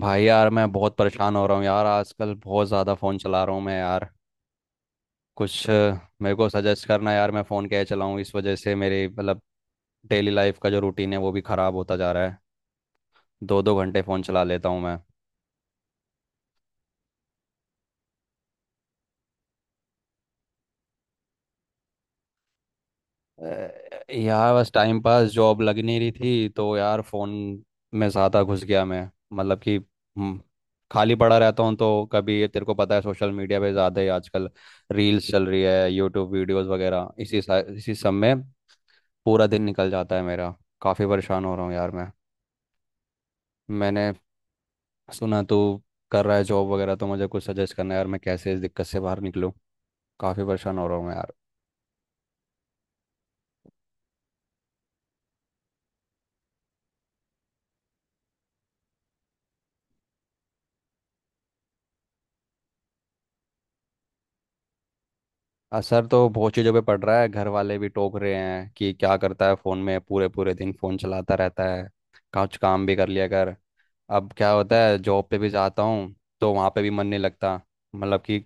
भाई यार मैं बहुत परेशान हो रहा हूँ यार। आजकल बहुत ज़्यादा फ़ोन चला रहा हूँ मैं यार। कुछ मेरे को सजेस्ट करना यार मैं फ़ोन कैसे चलाऊँ। इस वजह से मेरे मतलब डेली लाइफ का जो रूटीन है वो भी ख़राब होता जा रहा है। दो दो घंटे फ़ोन चला लेता हूँ मैं। यार बस टाइम पास जॉब लग नहीं रही थी तो यार फ़ोन में ज़्यादा घुस गया मैं। मतलब कि खाली पड़ा रहता हूँ तो कभी ये तेरे को पता है सोशल मीडिया पे ज़्यादा ही आजकल रील्स चल रही है। यूट्यूब वीडियोस वगैरह इसी सब में पूरा दिन निकल जाता है मेरा। काफ़ी परेशान हो रहा हूँ यार मैं। मैंने सुना तू कर रहा है जॉब वगैरह, तो मुझे कुछ सजेस्ट करना है यार मैं कैसे इस दिक्कत से बाहर निकलूँ। काफ़ी परेशान हो रहा हूँ मैं यार। असर तो बहुत चीज़ों पे पड़ रहा है। घर वाले भी टोक रहे हैं कि क्या करता है फ़ोन में, पूरे पूरे दिन फ़ोन चलाता रहता है, कुछ काम भी कर लिया कर। अब क्या होता है, जॉब पे भी जाता हूँ तो वहाँ पे भी मन नहीं लगता। मतलब कि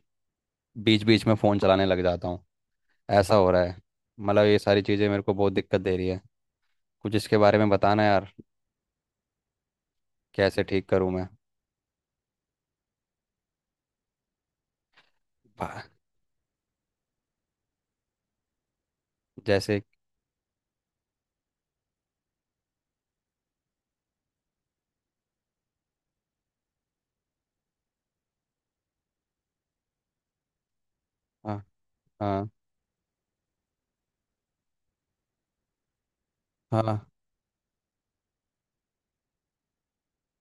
बीच बीच में फ़ोन चलाने लग जाता हूँ, ऐसा हो रहा है। मतलब ये सारी चीज़ें मेरे को बहुत दिक्कत दे रही है। कुछ इसके बारे में बताना यार, कैसे ठीक करूं मैं। भा- जैसे। हाँ। हाँ। हाँ।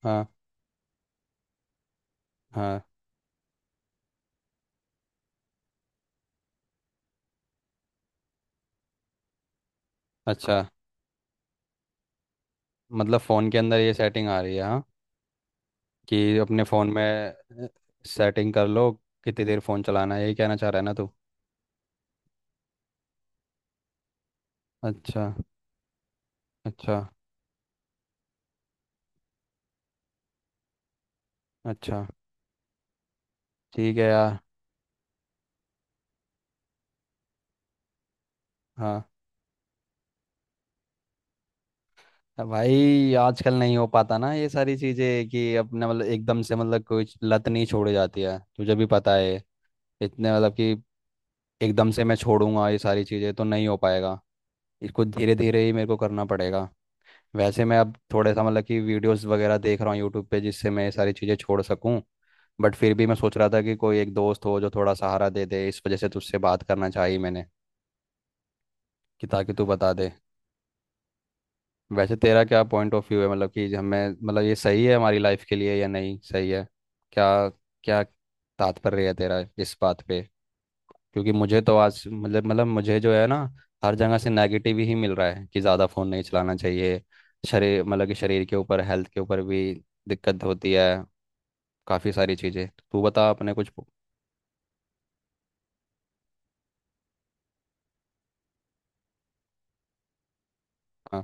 हाँ। हाँ। अच्छा, मतलब फ़ोन के अंदर ये सेटिंग आ रही है। हाँ, कि अपने फ़ोन में सेटिंग कर लो कितनी देर फ़ोन चलाना है, यही कहना चाह रहा है ना तू। अच्छा। अच्छा। अच्छा। ठीक है यार। हाँ। भाई आजकल नहीं हो पाता ना ये सारी चीज़ें कि अपने मतलब एकदम से, मतलब कोई लत नहीं छोड़ी जाती है तुझे भी पता है इतने, मतलब कि एकदम से मैं छोड़ूंगा ये सारी चीज़ें तो नहीं हो पाएगा। इसको धीरे धीरे ही मेरे को करना पड़ेगा। वैसे मैं अब थोड़ा सा मतलब कि वीडियोस वगैरह देख रहा हूँ यूट्यूब पे, जिससे मैं ये सारी चीज़ें छोड़ सकूँ। बट फिर भी मैं सोच रहा था कि कोई एक दोस्त हो जो थोड़ा सहारा दे दे, इस वजह से तुझसे बात करना चाहिए मैंने, कि ताकि तू बता दे। वैसे तेरा क्या पॉइंट ऑफ व्यू है, मतलब कि हमें, मतलब ये सही है हमारी लाइफ के लिए या नहीं सही है। क्या, क्या तात्पर्य है तेरा इस बात पे। क्योंकि मुझे तो आज मतलब मुझे जो है ना, हर जगह से नेगेटिव ही मिल रहा है कि ज़्यादा फ़ोन नहीं चलाना चाहिए। शरीर, मतलब कि शरीर के ऊपर, हेल्थ के ऊपर भी दिक्कत होती है, काफ़ी सारी चीज़ें। तू बता अपने कुछ। हाँ।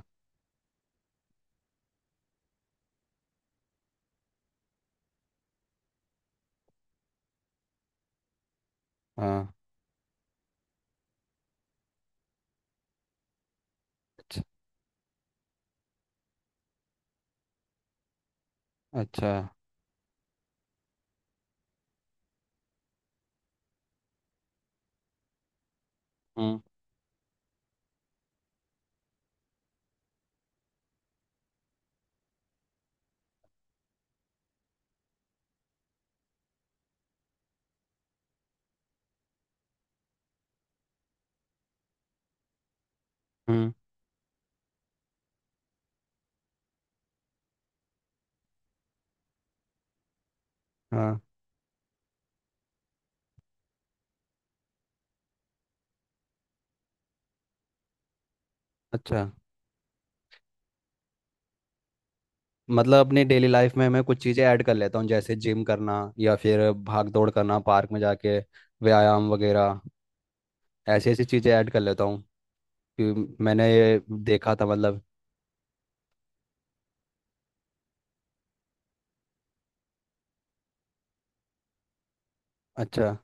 हाँ। अच्छा। अच्छा। हम्म। हम्म। हाँ। अच्छा, मतलब अपनी डेली लाइफ में मैं कुछ चीज़ें ऐड कर लेता हूँ जैसे जिम करना, या फिर भाग दौड़ करना, पार्क में जाके व्यायाम वगैरह। ऐसी ऐसी चीज़ें ऐड कर लेता हूँ कि मैंने ये देखा था मतलब। अच्छा।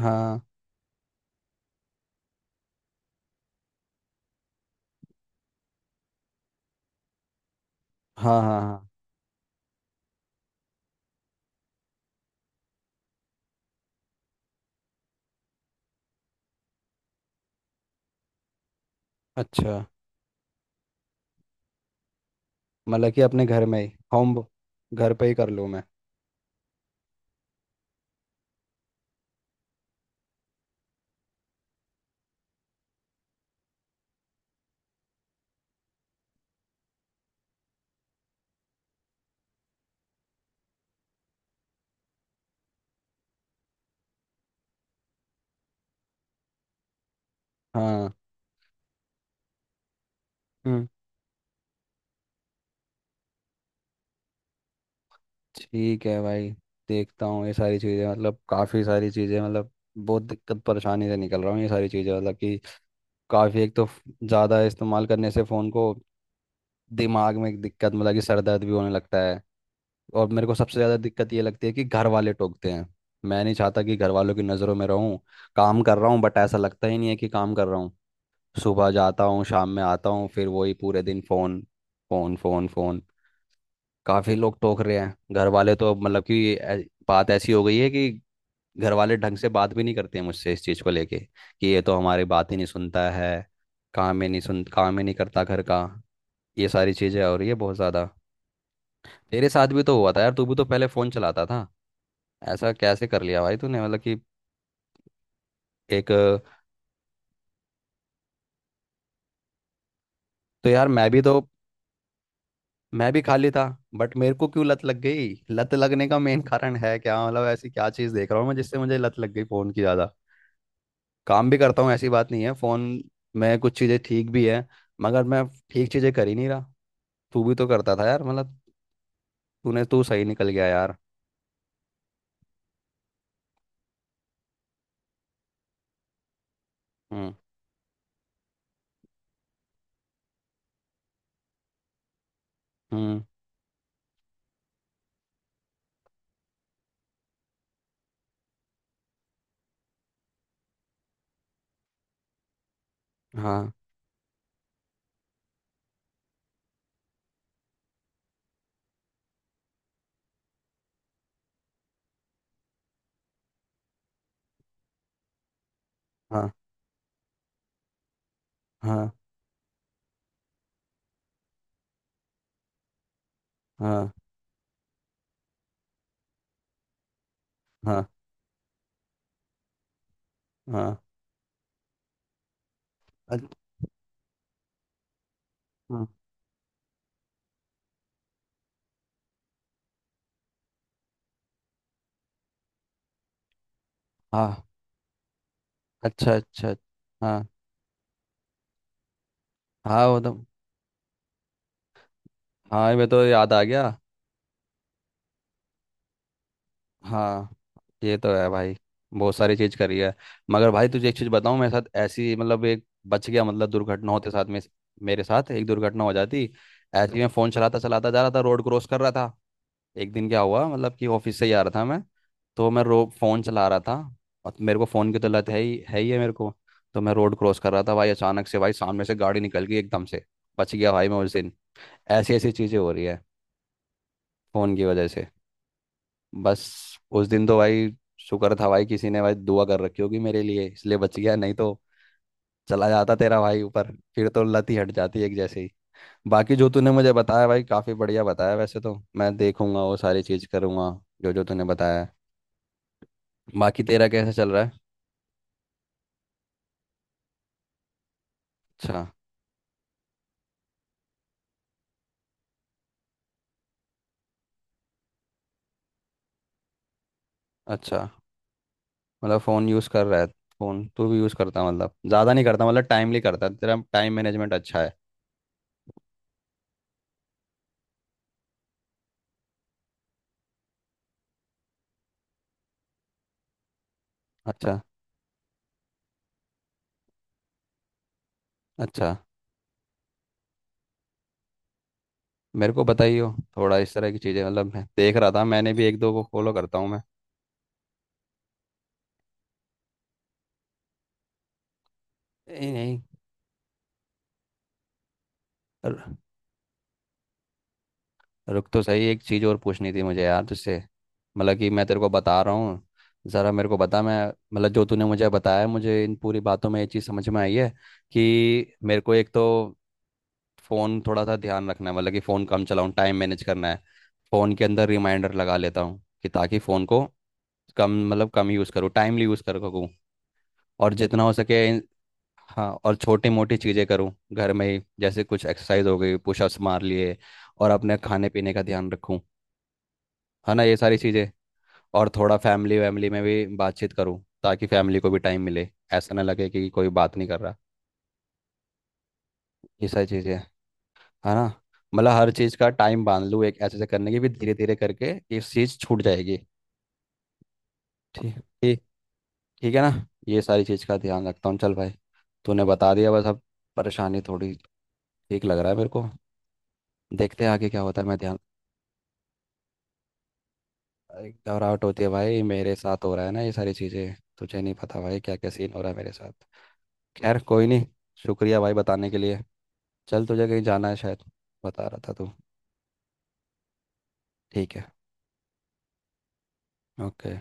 हाँ। हाँ। हाँ। हाँ। अच्छा, मतलब कि अपने घर में ही होम, घर पे ही कर लूँ मैं। हाँ। हम्म। ठीक है भाई, देखता हूँ ये सारी चीज़ें। मतलब काफ़ी सारी चीज़ें, मतलब बहुत दिक्कत परेशानी से निकल रहा हूँ, ये सारी चीज़ें। मतलब कि काफ़ी, एक तो ज़्यादा इस्तेमाल करने से फ़ोन को दिमाग में एक दिक्कत, मतलब कि सर दर्द भी होने लगता है। और मेरे को सबसे ज़्यादा दिक्कत ये लगती है कि घर वाले टोकते हैं। मैं नहीं चाहता कि घर वालों की नज़रों में रहूँ। काम कर रहा हूँ बट ऐसा लगता ही नहीं है कि काम कर रहा हूँ। सुबह जाता हूँ, शाम में आता हूँ, फिर वही पूरे दिन फ़ोन फ़ोन फ़ोन फ़ोन। काफ़ी लोग टोक रहे हैं, घर वाले तो, मतलब कि बात ऐसी हो गई है कि घर वाले ढंग से बात भी नहीं करते हैं मुझसे इस चीज़ को लेके, कि ये तो हमारी बात ही नहीं सुनता है, काम ही नहीं सुन, काम ही नहीं करता घर का। ये सारी चीज़ें हो रही है बहुत ज़्यादा। तेरे साथ भी तो हुआ था यार, तू भी तो पहले फ़ोन चलाता था, ऐसा कैसे कर लिया भाई तूने, मतलब कि एक तो। यार मैं भी तो, मैं भी खाली था। बट मेरे को क्यों लत लग गई, लत लगने का मेन कारण है क्या, मतलब ऐसी क्या चीज़ देख रहा हूँ मैं जिससे मुझे लत लग गई फ़ोन की ज़्यादा। काम भी करता हूँ, ऐसी बात नहीं है। फ़ोन में कुछ चीज़ें ठीक भी है, मगर मैं ठीक चीज़ें कर ही नहीं रहा। तू भी तो करता था यार, मतलब तूने, तू सही निकल गया यार। हम्म। हम्म। हाँ। हाँ। हाँ। हाँ। हाँ। हाँ। अच्छा। हाँ। हाँ। अच्छा। अच्छा। हाँ। हाँ वो तो। हाँ मैं तो याद आ गया। हाँ, ये तो है भाई, बहुत सारी चीज करी है। मगर भाई तुझे एक चीज बताऊं, मेरे साथ ऐसी मतलब, एक बच गया, मतलब दुर्घटना होते साथ में, मेरे साथ एक दुर्घटना हो जाती। ऐसे ही मैं फोन चलाता चलाता जा रहा था, रोड क्रॉस कर रहा था। एक दिन क्या हुआ, मतलब कि ऑफिस से ही आ रहा था मैं। तो मैं रो फोन चला रहा था। और मेरे को फोन की तो लत है, ही है, ही है मेरे को। तो मैं रोड क्रॉस कर रहा था भाई, अचानक से भाई सामने से गाड़ी निकल गई एकदम से। बच गया भाई मैं उस दिन। ऐसी ऐसी चीजें हो रही है फोन की वजह से। बस उस दिन तो भाई, शुक्र था भाई, किसी ने भाई दुआ कर रखी होगी मेरे लिए इसलिए बच गया, नहीं तो चला जाता तेरा भाई ऊपर, फिर तो लत ही हट जाती एक जैसे ही। बाकी जो तूने मुझे बताया भाई, काफ़ी बढ़िया बताया, वैसे तो मैं देखूंगा वो सारी चीज़ करूंगा जो जो तूने बताया है। बाकी तेरा कैसा चल रहा है। अच्छा। अच्छा, मतलब फ़ोन यूज़ कर रहा है, फ़ोन तू भी यूज़ करता है, मतलब ज़्यादा नहीं करता, मतलब टाइमली करता है, तेरा टाइम मैनेजमेंट अच्छा है। अच्छा। अच्छा। मेरे को बताइए थोड़ा इस तरह की चीज़ें। मतलब मैं देख रहा था, मैंने भी एक दो को फॉलो करता हूँ मैं। नहीं नहीं, रु- रुक तो सही, एक चीज़ और पूछनी थी मुझे यार तुझसे। मतलब कि मैं तेरे को बता रहा हूँ, ज़रा मेरे को बता मैं। मतलब जो तूने मुझे बताया, मुझे इन पूरी बातों में ये चीज़ समझ में आई है कि मेरे को एक तो फ़ोन थोड़ा सा ध्यान रखना है, मतलब कि फ़ोन कम चलाऊँ, टाइम मैनेज करना है। फ़ोन के अंदर रिमाइंडर लगा लेता हूँ कि ताकि फ़ोन को कम, मतलब कम यूज़ करूँ, टाइमली यूज़ कर सकूँ, और जितना हो सके। हाँ, और छोटी मोटी चीज़ें करूँ घर में ही, जैसे कुछ एक्सरसाइज हो गई, पुशअप्स मार लिए, और अपने खाने पीने का ध्यान रखूँ। है ना ये सारी चीज़ें। और थोड़ा फैमिली वैमिली में भी बातचीत करूँ, ताकि फैमिली को भी टाइम मिले, ऐसा ना लगे कि कोई बात नहीं कर रहा। ये सारी चीज़ें, है ना। मतलब हर चीज़ का टाइम बांध लूँ एक, ऐसे से करने की भी धीरे धीरे करके ये चीज़ छूट जाएगी। ठीक, ठीक। ठीक है ना। ये सारी चीज़ का ध्यान रखता हूँ। चल भाई, तूने बता दिया, बस अब परेशानी थोड़ी ठीक लग रहा है मेरे को। देखते हैं आगे क्या होता है, मैं ध्यान। भाई, घबराहट होती है भाई, मेरे साथ हो रहा है ना ये सारी चीज़ें, तुझे नहीं पता भाई क्या क्या सीन हो रहा है मेरे साथ। खैर कोई नहीं, शुक्रिया भाई बताने के लिए। चल तुझे कहीं जाना है शायद, बता रहा था तू। ठीक है। ओके।